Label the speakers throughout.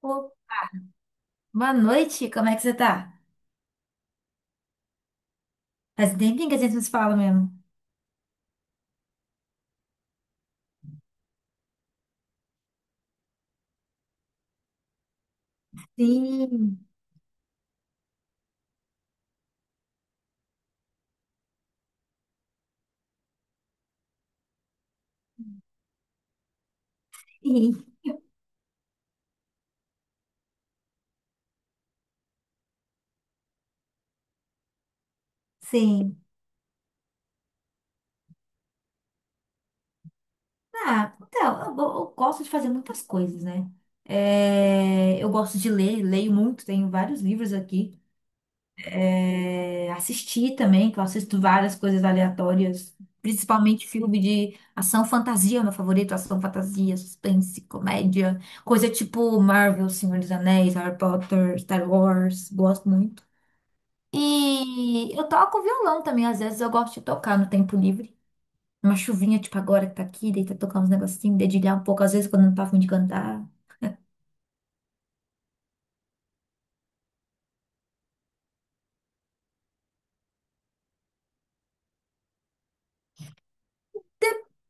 Speaker 1: Ô, boa noite, como é que você tá? Faz um tempinho que a gente não se fala mesmo. Sim, sim. Sim. Ah, então, eu gosto de fazer muitas coisas, né? É, eu gosto de ler, leio muito, tenho vários livros aqui. É, assistir também, que eu assisto várias coisas aleatórias, principalmente filme de ação fantasia, meu favorito, ação fantasia, suspense, comédia, coisa tipo Marvel, Senhor dos Anéis, Harry Potter, Star Wars, gosto muito. E eu toco violão também, às vezes eu gosto de tocar no tempo livre. Uma chuvinha, tipo agora que tá aqui, deita tocar uns negocinhos, dedilhar um pouco, às vezes quando eu não tá afim de cantar.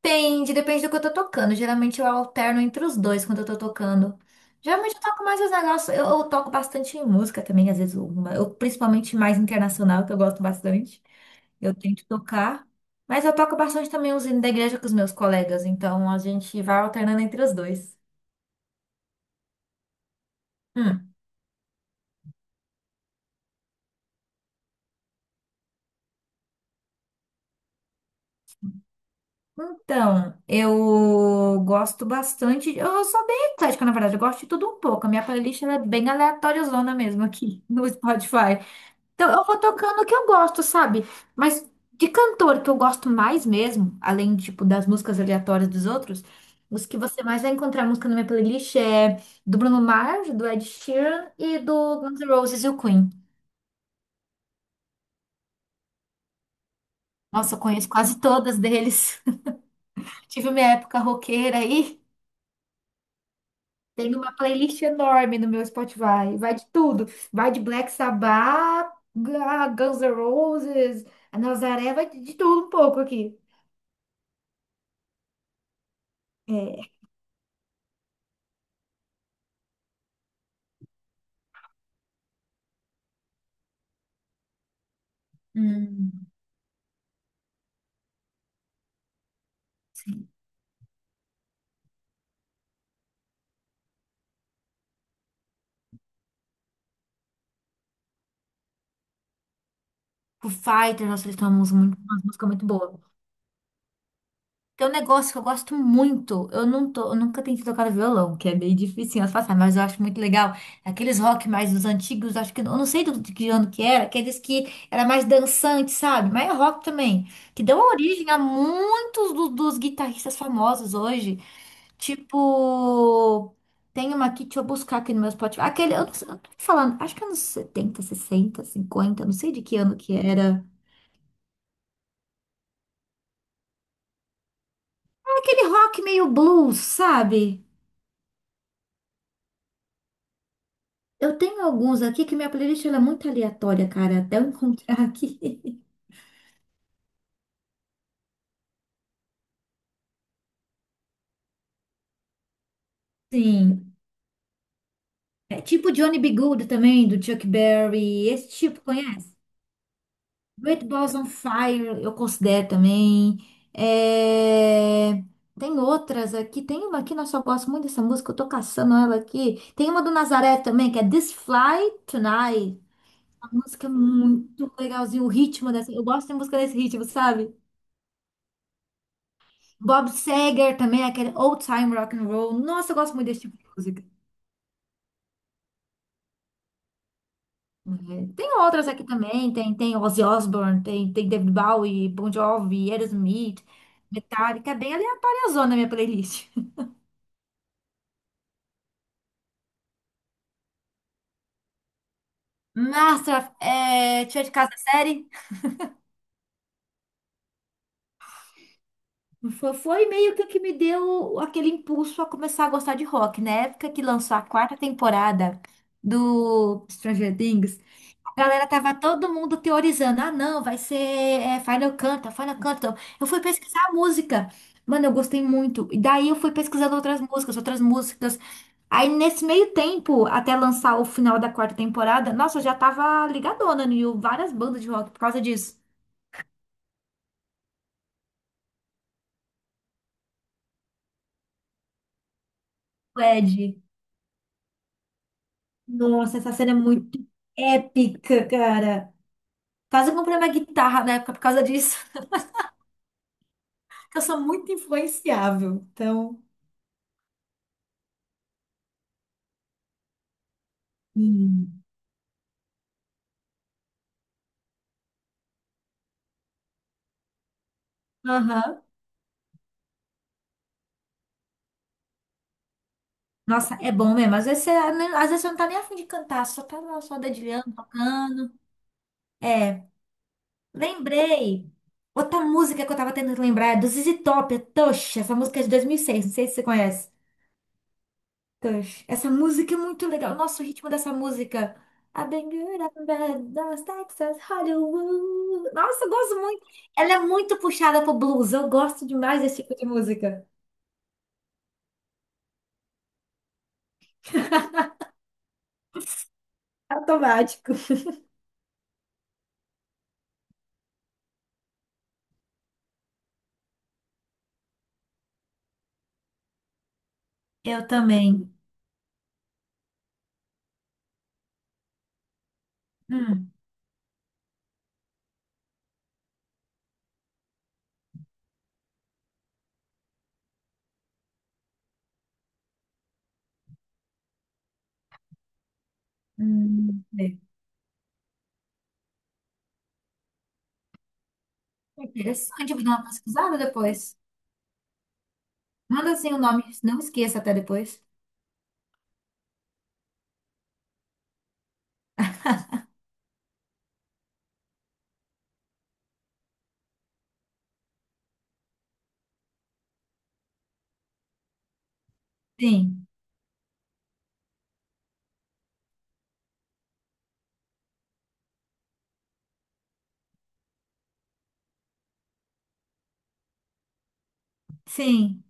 Speaker 1: Depende, depende do que eu tô tocando. Geralmente eu alterno entre os dois quando eu tô tocando. Geralmente eu toco mais os negócios, eu toco bastante em música também, às vezes, uma, eu, principalmente mais internacional, que eu gosto bastante. Eu tento tocar, mas eu toco bastante também os hinos da igreja com os meus colegas, então a gente vai alternando entre os dois. Hum. Então, eu gosto bastante. Eu sou bem eclética, na verdade. Eu gosto de tudo um pouco. A minha playlist ela é bem aleatóriazona mesmo aqui no Spotify. Então, eu vou tocando o que eu gosto, sabe? Mas de cantor que eu gosto mais mesmo, além, tipo, das músicas aleatórias dos outros, os que você mais vai encontrar música na minha playlist é do Bruno Mars, do Ed Sheeran e do Guns N' Roses e o Queen. Nossa, eu conheço quase todas deles. Tive minha época roqueira aí. Tem uma playlist enorme no meu Spotify. Vai de tudo. Vai de Black Sabbath, Guns N' Roses, a Nazaré, vai de tudo um pouco aqui. É. Hum, sim. Foo Fighters, nossa, eles têm uma música muito boa. Tem um negócio que eu gosto muito. Eu não tô, eu nunca tentei tocar violão, que é meio difícil de passar, mas eu acho muito legal. Aqueles rock mais dos antigos, acho que eu não sei de que ano que era, aqueles que era mais dançante, sabe? Mas é rock também, que deu origem a muitos dos guitarristas famosos hoje. Tipo, tem uma aqui, deixa eu buscar aqui no meu Spotify. Aquele, eu não sei, eu tô falando, acho que anos 70, 60, 50. Não sei de que ano que era. É aquele rock meio blues, sabe? Eu tenho alguns aqui que minha playlist ela é muito aleatória, cara, até eu encontrar aqui. Sim. É tipo Johnny B. Good também, do Chuck Berry, esse tipo, conhece? Great Balls on Fire, eu considero também. É, tem outras aqui, tem uma aqui, nossa, eu gosto muito dessa música, eu tô caçando ela aqui. Tem uma do Nazaré também, que é This Fly Tonight. Uma música é muito legalzinha, o ritmo dessa, eu gosto de música desse ritmo, sabe? Bob Seger também, aquele old time rock and roll. Nossa, eu gosto muito desse tipo de música. É, tem outras aqui também, tem, tem, Ozzy Osbourne, tem David Bowie, Bon Jovi, Aerosmith, Metallica, é bem aleatória a zona minha playlist. Master, é, Tira de Casa da Série, foi meio que o que me deu aquele impulso a começar a gostar de rock, na época que lançou a quarta temporada do Stranger Things. A galera tava todo mundo teorizando. Ah, não, vai ser é, Final Canta, Final Canta. Eu fui pesquisar a música. Mano, eu gostei muito. E daí eu fui pesquisando outras músicas, outras músicas. Aí nesse meio tempo, até lançar o final da quarta temporada, nossa, eu já tava ligadona em várias bandas de rock por causa disso. Ed. Nossa, essa cena é muito épica, cara. Quase eu comprei uma guitarra na época por causa disso. Eu sou muito influenciável. Então. Hum. Aham. Nossa, é bom mesmo. Às vezes você não tá nem afim de cantar, só tá lá só dedilhando, tocando. É, lembrei. Outra música que eu tava tentando lembrar é do ZZ Top, é Tush. Essa música é de 2006, não sei se você conhece. Tush. Essa música é muito legal. Nossa, o ritmo dessa música. I've been good, I've been bad, Dallas, Texas, Hollywood. Nossa, eu gosto muito. Ela é muito puxada pro blues. Eu gosto demais desse tipo de música. Automático. Eu também. Hum, É. Interessante, eu vou dar uma pesquisada depois. Manda assim o nome, não esqueça até depois. Sim, sim.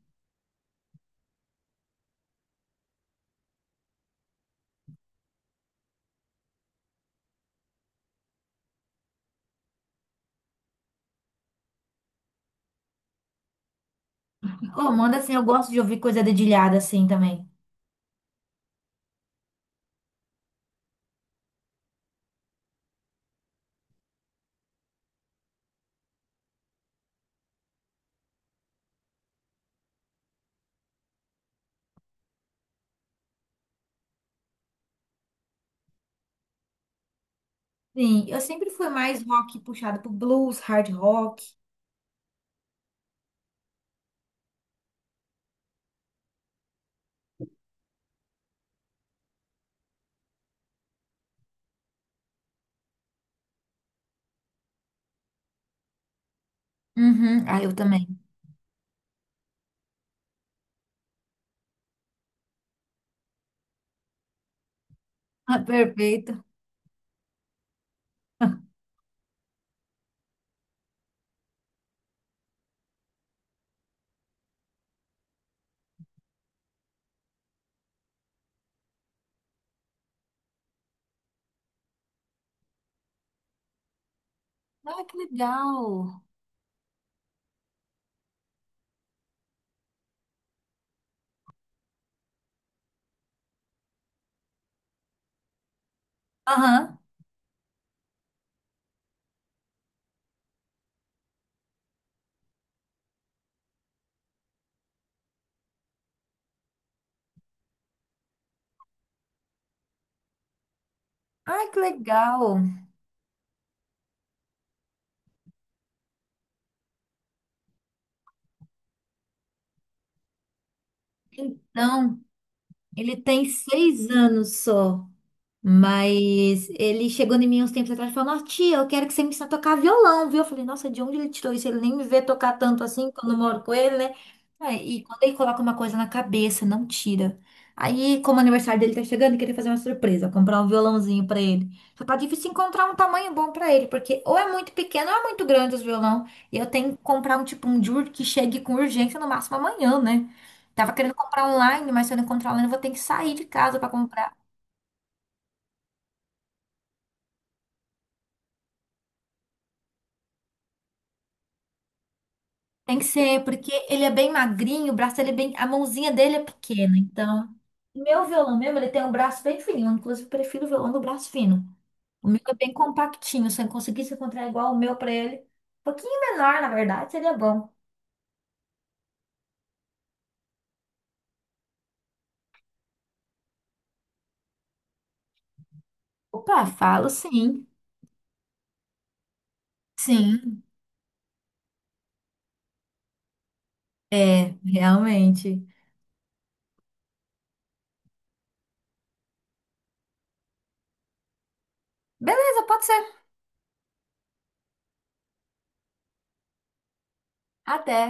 Speaker 1: Oh, manda assim, eu gosto de ouvir coisa dedilhada assim também. Sim, eu sempre fui mais rock puxada pro blues, hard rock. Uhum, ah, eu também. Ah, perfeito. Ah, que legal. Aham. Ah, que legal. Então, ele tem 6 anos só. Mas ele chegou em mim uns tempos atrás e falou: Nossa, tia, eu quero que você me ensine a tocar violão, viu? Eu falei: Nossa, de onde ele tirou isso? Ele nem me vê tocar tanto assim quando eu moro com ele, né? Aí, e quando ele coloca uma coisa na cabeça, não tira. Aí, como o aniversário dele tá chegando, eu queria fazer uma surpresa, comprar um violãozinho pra ele. Só tá difícil encontrar um tamanho bom pra ele, porque ou é muito pequeno ou é muito grande os violão. E eu tenho que comprar um tipo um de que chegue com urgência no máximo amanhã, né? Tava querendo comprar online, mas se eu não encontrar online, eu vou ter que sair de casa pra comprar. Tem que ser, porque ele é bem magrinho, o braço ele é bem, a mãozinha dele é pequena, então. Meu violão mesmo, ele tem um braço bem fininho, eu, inclusive prefiro o violão do braço fino. O meu é bem compactinho, se eu conseguisse encontrar igual o meu pra ele, um pouquinho menor, na verdade, seria bom. Opa, falo sim. Sim, é, realmente. Beleza, pode ser. Até.